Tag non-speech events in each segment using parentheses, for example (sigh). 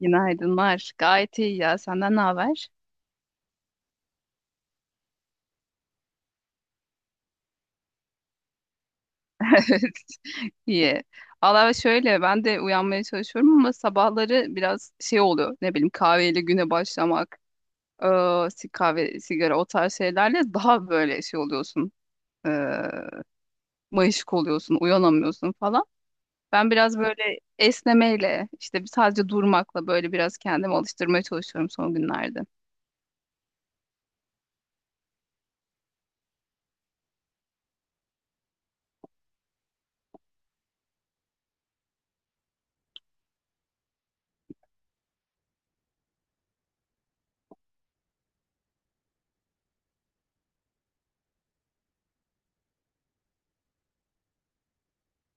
Günaydınlar. Gayet iyi ya. Senden ne haber? (laughs) İyi. Valla şöyle ben de uyanmaya çalışıyorum ama sabahları biraz şey oluyor. Ne bileyim kahveyle güne başlamak, kahve, sigara o tarz şeylerle daha böyle şey oluyorsun. eee mayışık oluyorsun, uyanamıyorsun falan. Ben biraz böyle esnemeyle, işte sadece durmakla böyle biraz kendimi alıştırmaya çalışıyorum son günlerde.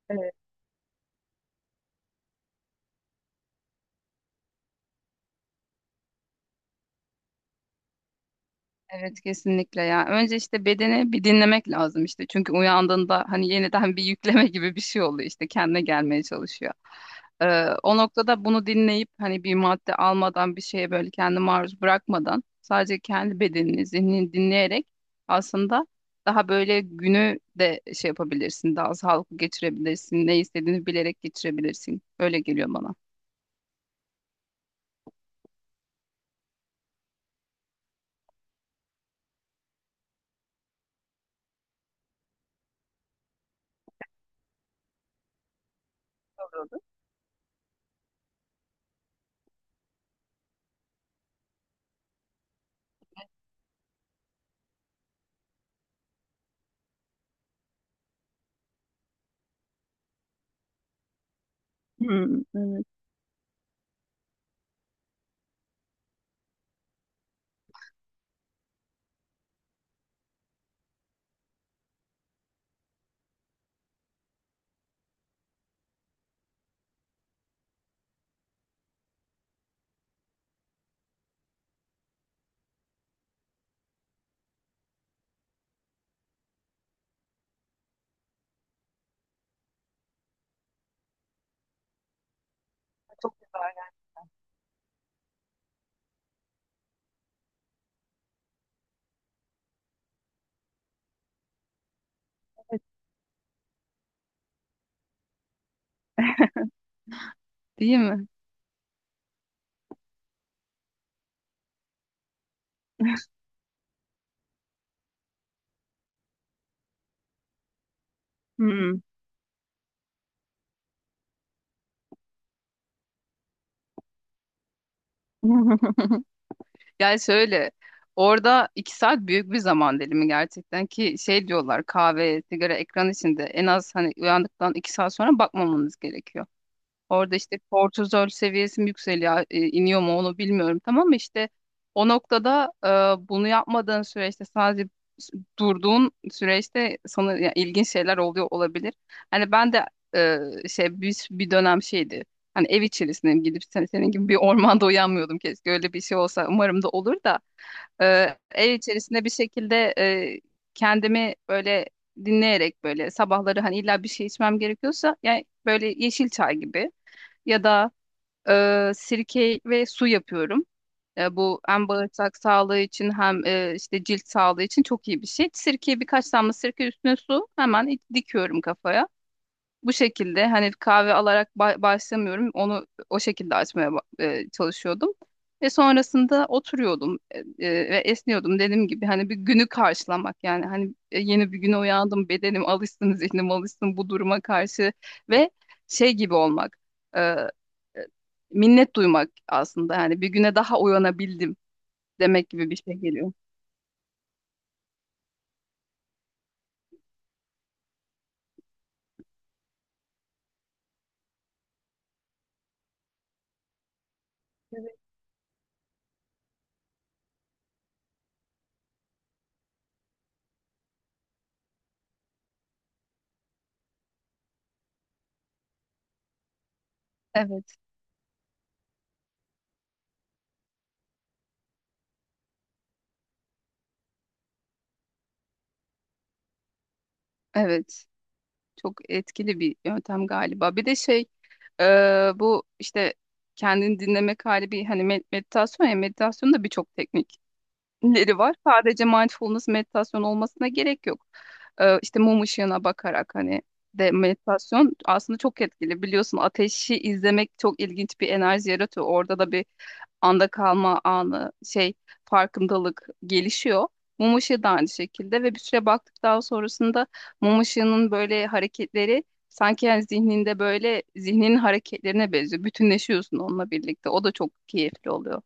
Evet. Evet, kesinlikle ya. Önce işte bedeni bir dinlemek lazım işte. Çünkü uyandığında hani yeniden bir yükleme gibi bir şey oluyor işte kendine gelmeye çalışıyor. O noktada bunu dinleyip hani bir madde almadan bir şeye böyle kendi maruz bırakmadan sadece kendi bedenini, zihnini dinleyerek aslında daha böyle günü de şey yapabilirsin. Daha sağlıklı geçirebilirsin. Ne istediğini bilerek geçirebilirsin. Öyle geliyor bana. Yapıyordu. Hmm, evet. Çok güzel yani. Değil mi? Hmm. (laughs) Yani şöyle orada 2 saat büyük bir zaman dilimi gerçekten ki şey diyorlar kahve, sigara, ekran içinde en az hani uyandıktan 2 saat sonra bakmamanız gerekiyor. Orada işte kortizol seviyesi mi yükseliyor, iniyor mu onu bilmiyorum. Tamam mı? İşte o noktada bunu yapmadığın süreçte sadece durduğun süreçte sana ya, ilginç şeyler oluyor olabilir. Hani ben de şey bir dönem şeydi. Hani ev içerisindeyim gidip senin gibi bir ormanda uyanmıyordum keşke öyle bir şey olsa umarım da olur da ev içerisinde bir şekilde kendimi böyle dinleyerek böyle sabahları hani illa bir şey içmem gerekiyorsa yani böyle yeşil çay gibi ya da sirke ve su yapıyorum. Bu hem bağırsak sağlığı için hem işte cilt sağlığı için çok iyi bir şey. Sirkeyi birkaç damla sirke üstüne su hemen dikiyorum kafaya. Bu şekilde hani kahve alarak başlamıyorum. Onu o şekilde açmaya çalışıyordum. Ve sonrasında oturuyordum ve esniyordum. Dediğim gibi hani bir günü karşılamak yani hani yeni bir güne uyandım bedenim alışsın zihnim alışsın bu duruma karşı ve şey gibi olmak e, e, minnet duymak aslında yani bir güne daha uyanabildim demek gibi bir şey geliyor. Evet, evet. Çok etkili bir yöntem galiba. Bir de şey, e, bu işte kendini dinlemek hali bir hani meditasyon ya meditasyonda birçok teknik leri var. Sadece mindfulness meditasyon olmasına gerek yok. İşte mum ışığına bakarak hani de meditasyon aslında çok etkili. Biliyorsun ateşi izlemek çok ilginç bir enerji yaratıyor. Orada da bir anda kalma anı, şey farkındalık gelişiyor. Mum ışığı da aynı şekilde ve bir süre baktıktan sonrasında mum ışığının böyle hareketleri sanki yani zihninde böyle zihninin hareketlerine benziyor. Bütünleşiyorsun onunla birlikte. O da çok keyifli oluyor.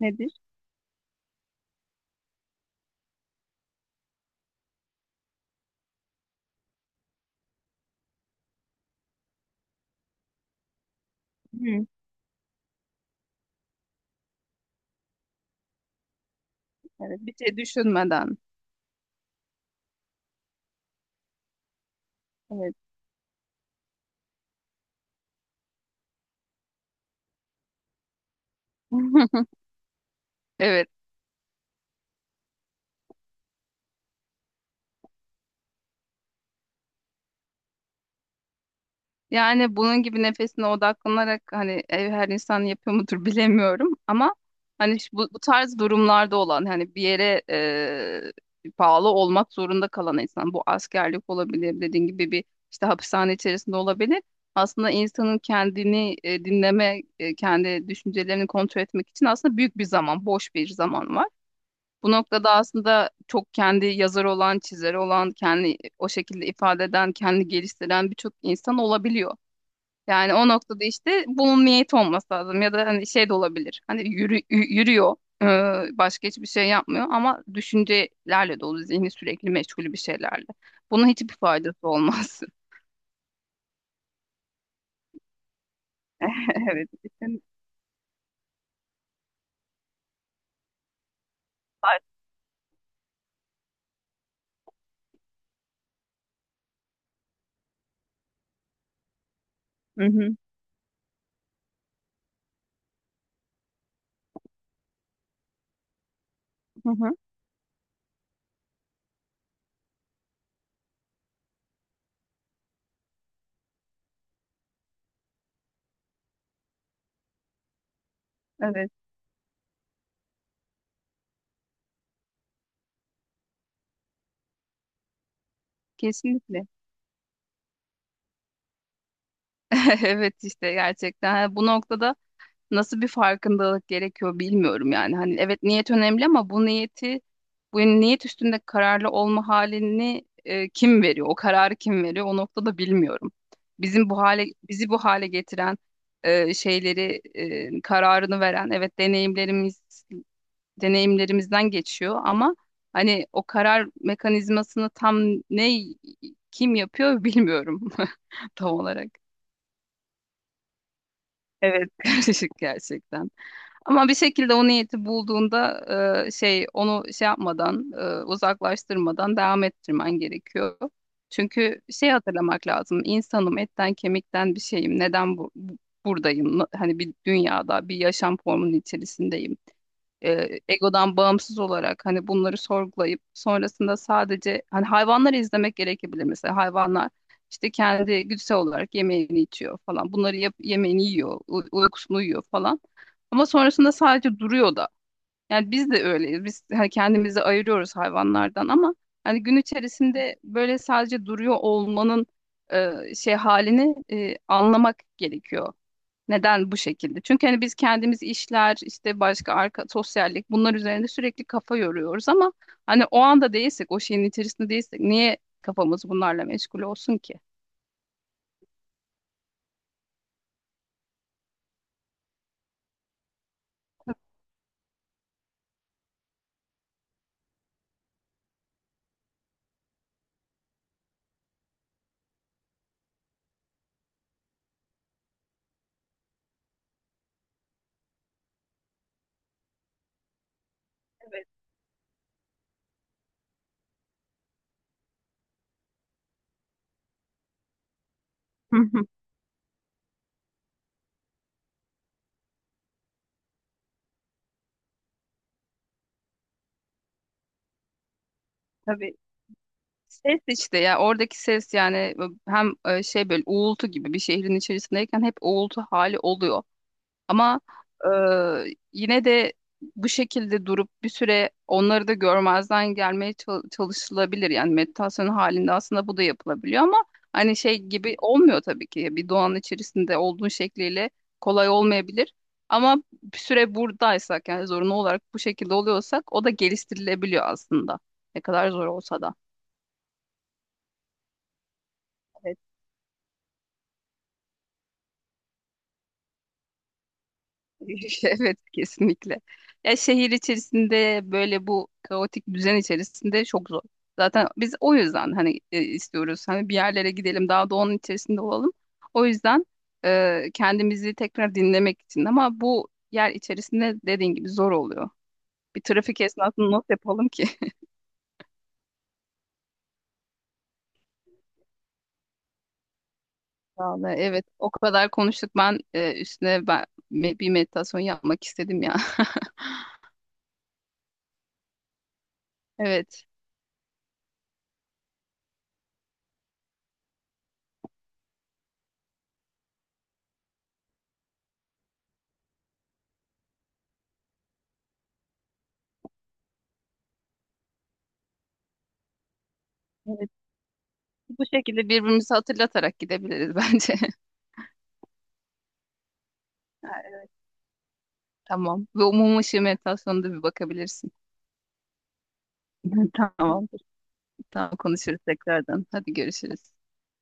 Nedir? Hı. Evet, bir şey düşünmeden. Evet. (laughs) Evet. Yani bunun gibi nefesine odaklanarak hani ev her insan yapıyor mudur bilemiyorum ama hani bu tarz durumlarda olan hani bir yere bağlı olmak zorunda kalan insan bu askerlik olabilir dediğin gibi bir işte hapishane içerisinde olabilir. Aslında insanın kendini dinleme, kendi düşüncelerini kontrol etmek için aslında büyük bir zaman, boş bir zaman var. Bu noktada aslında çok kendi yazarı olan, çizeri olan, kendi o şekilde ifade eden, kendi geliştiren birçok insan olabiliyor. Yani o noktada işte bunun niyeti olması lazım ya da hani şey de olabilir. Hani yürüyor, başka hiçbir şey yapmıyor ama düşüncelerle dolu, zihni sürekli meşgul bir şeylerle. Bunun hiçbir faydası olmaz. (laughs) Evet. Kesin. Hı hı. Hı hı. Evet. Kesinlikle. (laughs) Evet işte gerçekten. Ha, bu noktada nasıl bir farkındalık gerekiyor bilmiyorum yani. Hani evet niyet önemli ama bu niyet üstünde kararlı olma halini kim veriyor? O kararı kim veriyor? O noktada bilmiyorum. Bizim bu hale bizi bu hale getiren şeyleri kararını veren evet deneyimlerimizden geçiyor ama hani o karar mekanizmasını tam ne kim yapıyor bilmiyorum (laughs) tam olarak. Evet, (laughs) karışık gerçekten. Ama bir şekilde o niyeti bulduğunda şey onu şey yapmadan uzaklaştırmadan devam ettirmen gerekiyor. Çünkü şey hatırlamak lazım. İnsanım etten kemikten bir şeyim. Neden buradayım? Hani bir dünyada bir yaşam formunun içerisindeyim egodan bağımsız olarak hani bunları sorgulayıp sonrasında sadece hani hayvanları izlemek gerekebilir mesela hayvanlar işte kendi güdüsel olarak yemeğini içiyor falan yemeğini yiyor uykusunu uyuyor falan ama sonrasında sadece duruyor da yani biz de öyleyiz biz hani kendimizi ayırıyoruz hayvanlardan ama hani gün içerisinde böyle sadece duruyor olmanın şey halini anlamak gerekiyor. Neden bu şekilde? Çünkü hani biz kendimiz işler, işte başka arka sosyallik bunlar üzerinde sürekli kafa yoruyoruz ama hani o anda değilsek, o şeyin içerisinde değilsek niye kafamız bunlarla meşgul olsun ki? Evet. Hı hı. Tabii, ses işte ya oradaki ses yani hem şey böyle uğultu gibi bir şehrin içerisindeyken hep uğultu hali oluyor. Ama e, yine de bu şekilde durup bir süre onları da görmezden gelmeye çalışılabilir. Yani meditasyon halinde aslında bu da yapılabiliyor ama hani şey gibi olmuyor tabii ki. Bir doğanın içerisinde olduğun şekliyle kolay olmayabilir. Ama bir süre buradaysak yani zorunlu olarak bu şekilde oluyorsak o da geliştirilebiliyor aslında. Ne kadar zor olsa da. (laughs) Evet, kesinlikle. Ya şehir içerisinde böyle bu kaotik düzen içerisinde çok zor. Zaten biz o yüzden hani istiyoruz hani bir yerlere gidelim daha doğanın içerisinde olalım. O yüzden kendimizi tekrar dinlemek için ama bu yer içerisinde dediğin gibi zor oluyor. Bir trafik esnasında not yapalım ki. (laughs) Vallahi evet o kadar konuştuk ben üstüne bir meditasyon yapmak istedim ya. (laughs) Evet. Evet. Bu şekilde birbirimizi hatırlatarak gidebiliriz bence. (laughs) Tamam. Ve umum ışığı meditasyonuna da bir bakabilirsin. (laughs) Tamamdır. Tamam, konuşuruz tekrardan. Hadi görüşürüz.